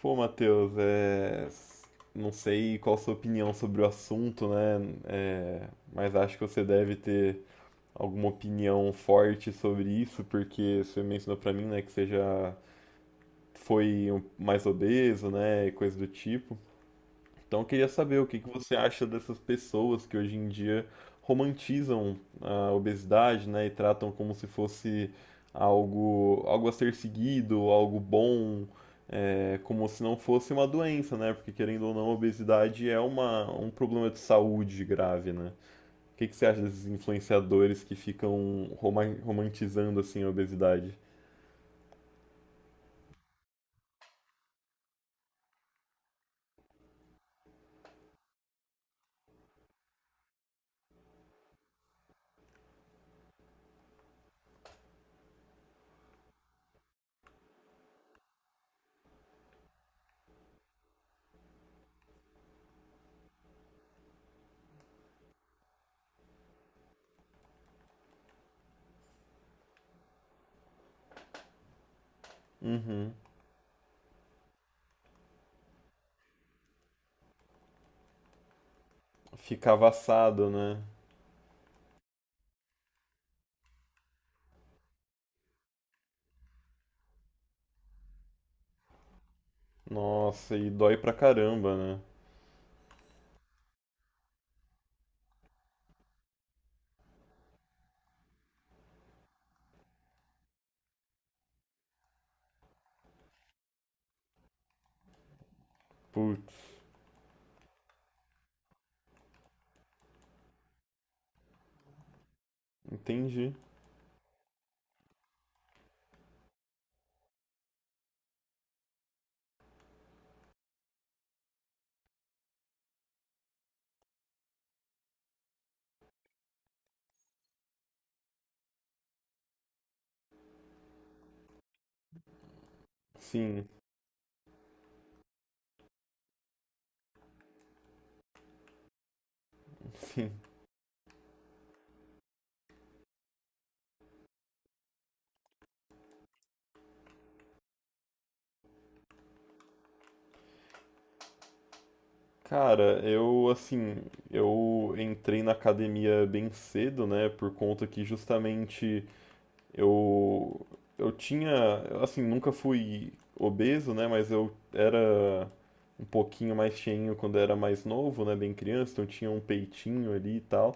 Pô, Matheus, não sei qual a sua opinião sobre o assunto, né? Mas acho que você deve ter alguma opinião forte sobre isso, porque você mencionou pra mim, né, que você já foi mais obeso, né, e coisa do tipo. Então eu queria saber o que que você acha dessas pessoas que hoje em dia romantizam a obesidade, né, e tratam como se fosse algo a ser seguido, algo bom, como se não fosse uma doença, né? Porque querendo ou não, a obesidade é um problema de saúde grave, né? O que que você acha desses influenciadores que ficam romantizando assim a obesidade? Uhum. Fica avassado, né? Nossa, e dói pra caramba, né? Putz. Entendi. Sim, sim. Cara, eu assim, eu entrei na academia bem cedo, né, por conta que justamente eu eu tinha, assim, nunca fui obeso, né, mas eu era um pouquinho mais cheinho quando era mais novo, né, bem criança, então eu tinha um peitinho ali e tal.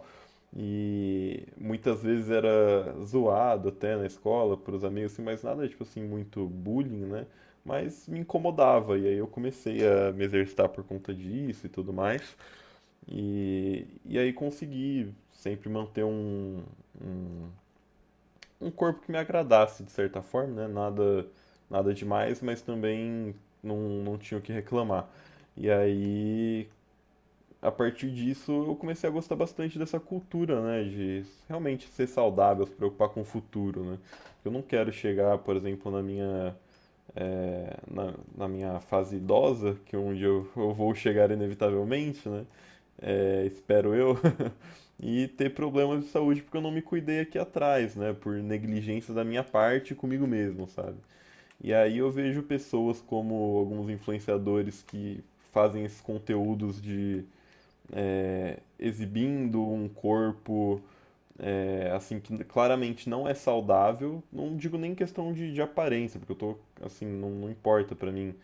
E muitas vezes era zoado até na escola, por os amigos, assim, mas nada tipo assim, muito bullying, né? Mas me incomodava, e aí eu comecei a me exercitar por conta disso e tudo mais. E aí consegui sempre manter um, um corpo que me agradasse de certa forma, né? Nada demais, mas também não, não tinha o que reclamar. E aí a partir disso eu comecei a gostar bastante dessa cultura, né, de realmente ser saudável, se preocupar com o futuro, né? Eu não quero chegar, por exemplo, na na minha fase idosa, que é onde eu vou chegar inevitavelmente, né? eh, espero eu, e ter problemas de saúde porque eu não me cuidei aqui atrás, né? Por negligência da minha parte comigo mesmo, sabe? E aí eu vejo pessoas como alguns influenciadores que fazem esses conteúdos de exibindo um corpo assim que claramente não é saudável. Não digo nem questão de aparência, porque eu tô assim, não importa para mim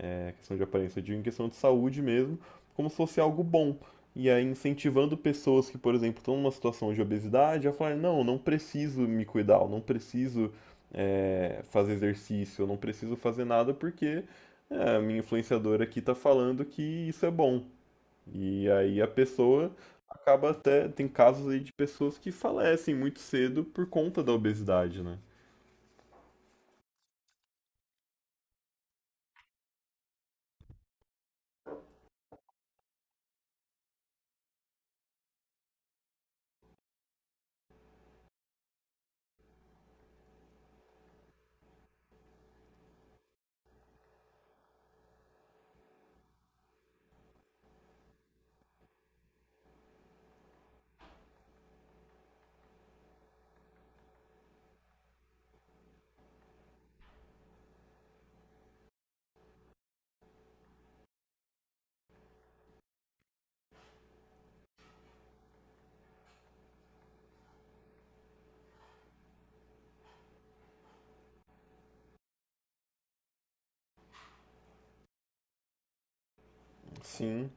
questão de aparência, eu digo em questão de saúde mesmo, como se fosse algo bom. E aí incentivando pessoas que, por exemplo, estão numa situação de obesidade a falar, não preciso me cuidar, eu não preciso fazer exercício, eu não preciso fazer nada porque a minha influenciadora aqui tá falando que isso é bom. E aí a pessoa acaba até. Tem casos aí de pessoas que falecem muito cedo por conta da obesidade, né? Sim,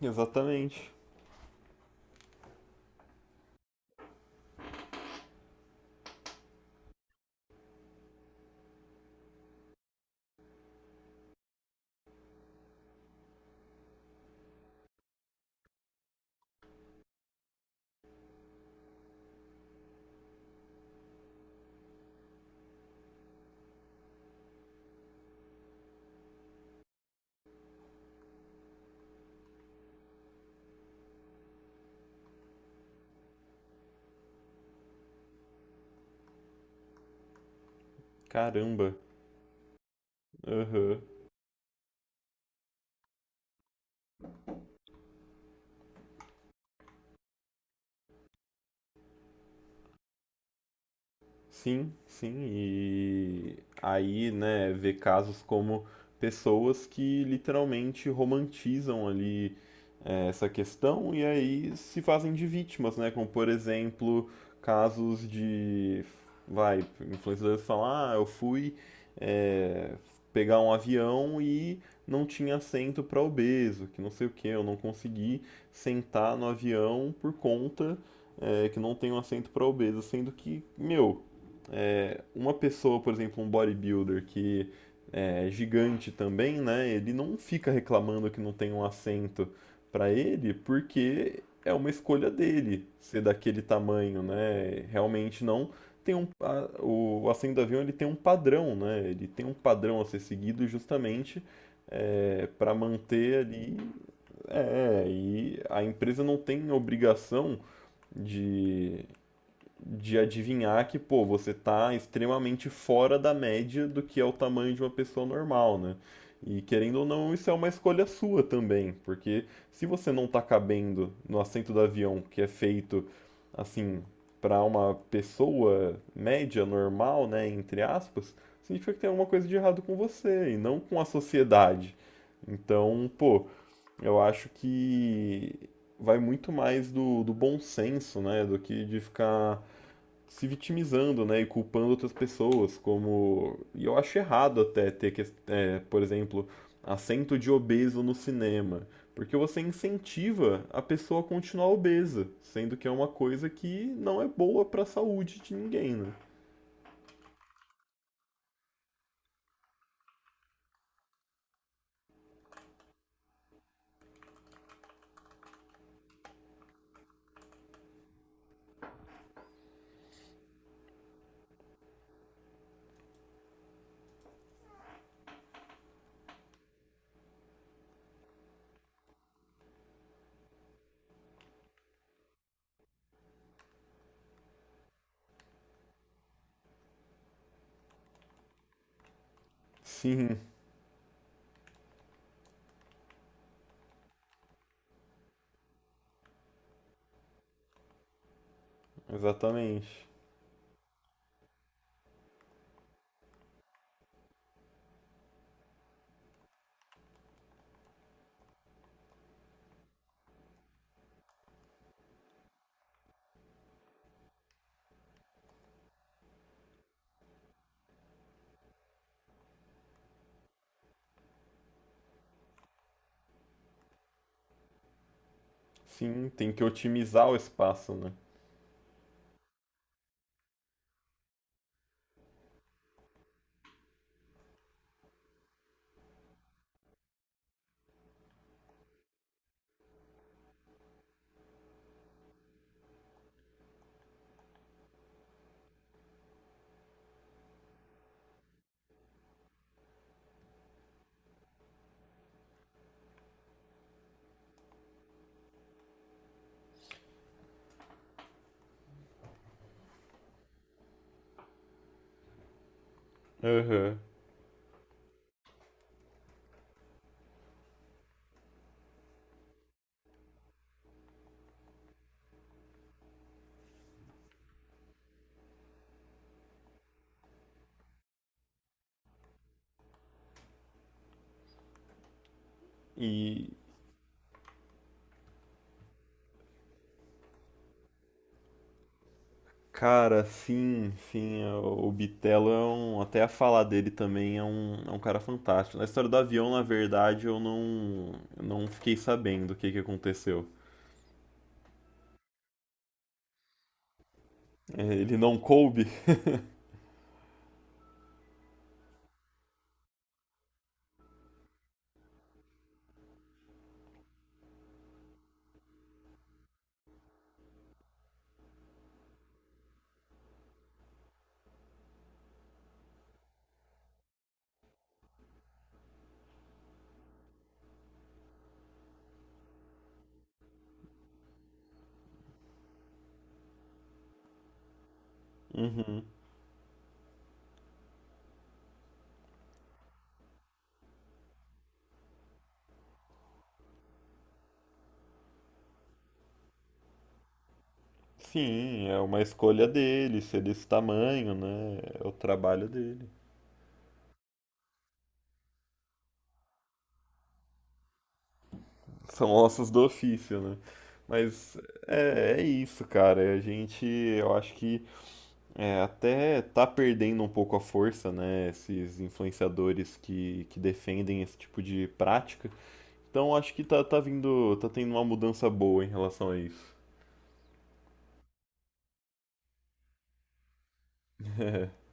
exatamente. Caramba. Aham. Sim, sim. E aí, né, ver casos como pessoas que literalmente romantizam ali essa questão e aí se fazem de vítimas, né? Como, por exemplo, casos de, vai, influenciadores falam, ah, eu fui eh, pegar um avião e não tinha assento para obeso, que não sei o que, eu não consegui sentar no avião por conta que não tem um assento para obeso, sendo que, meu, é, uma pessoa, por exemplo, um bodybuilder que é gigante também, né? Ele não fica reclamando que não tem um assento para ele, porque é uma escolha dele ser daquele tamanho, né? Realmente não tem um o assento do avião ele tem um padrão, né? Ele tem um padrão a ser seguido justamente para manter ali, e a empresa não tem obrigação de adivinhar que, pô, você tá extremamente fora da média do que é o tamanho de uma pessoa normal, né? E querendo ou não, isso é uma escolha sua também, porque se você não tá cabendo no assento do avião, que é feito assim para uma pessoa média, normal, né, entre aspas, significa que tem alguma coisa de errado com você e não com a sociedade. Então, pô, eu acho que vai muito mais do bom senso, né, do que de ficar se vitimizando, né, e culpando outras pessoas, como... E eu acho errado até ter, por exemplo, assento de obeso no cinema, porque você incentiva a pessoa a continuar obesa, sendo que é uma coisa que não é boa para a saúde de ninguém, né? Sim, exatamente. Sim, tem que otimizar o espaço, né? Aham. E cara, sim, sim, o é um, até a falar dele também é um cara fantástico. Na história do avião, na verdade, eu não fiquei sabendo o que que aconteceu. É, ele não coube? Uhum. Sim, é uma escolha dele, ser desse tamanho, né? É o trabalho dele. São ossos do ofício, né? Mas é isso, cara. A gente, eu acho que é, até tá perdendo um pouco a força, né? Esses influenciadores que defendem esse tipo de prática. Então acho que tá vindo, tá tendo uma mudança boa em relação a isso.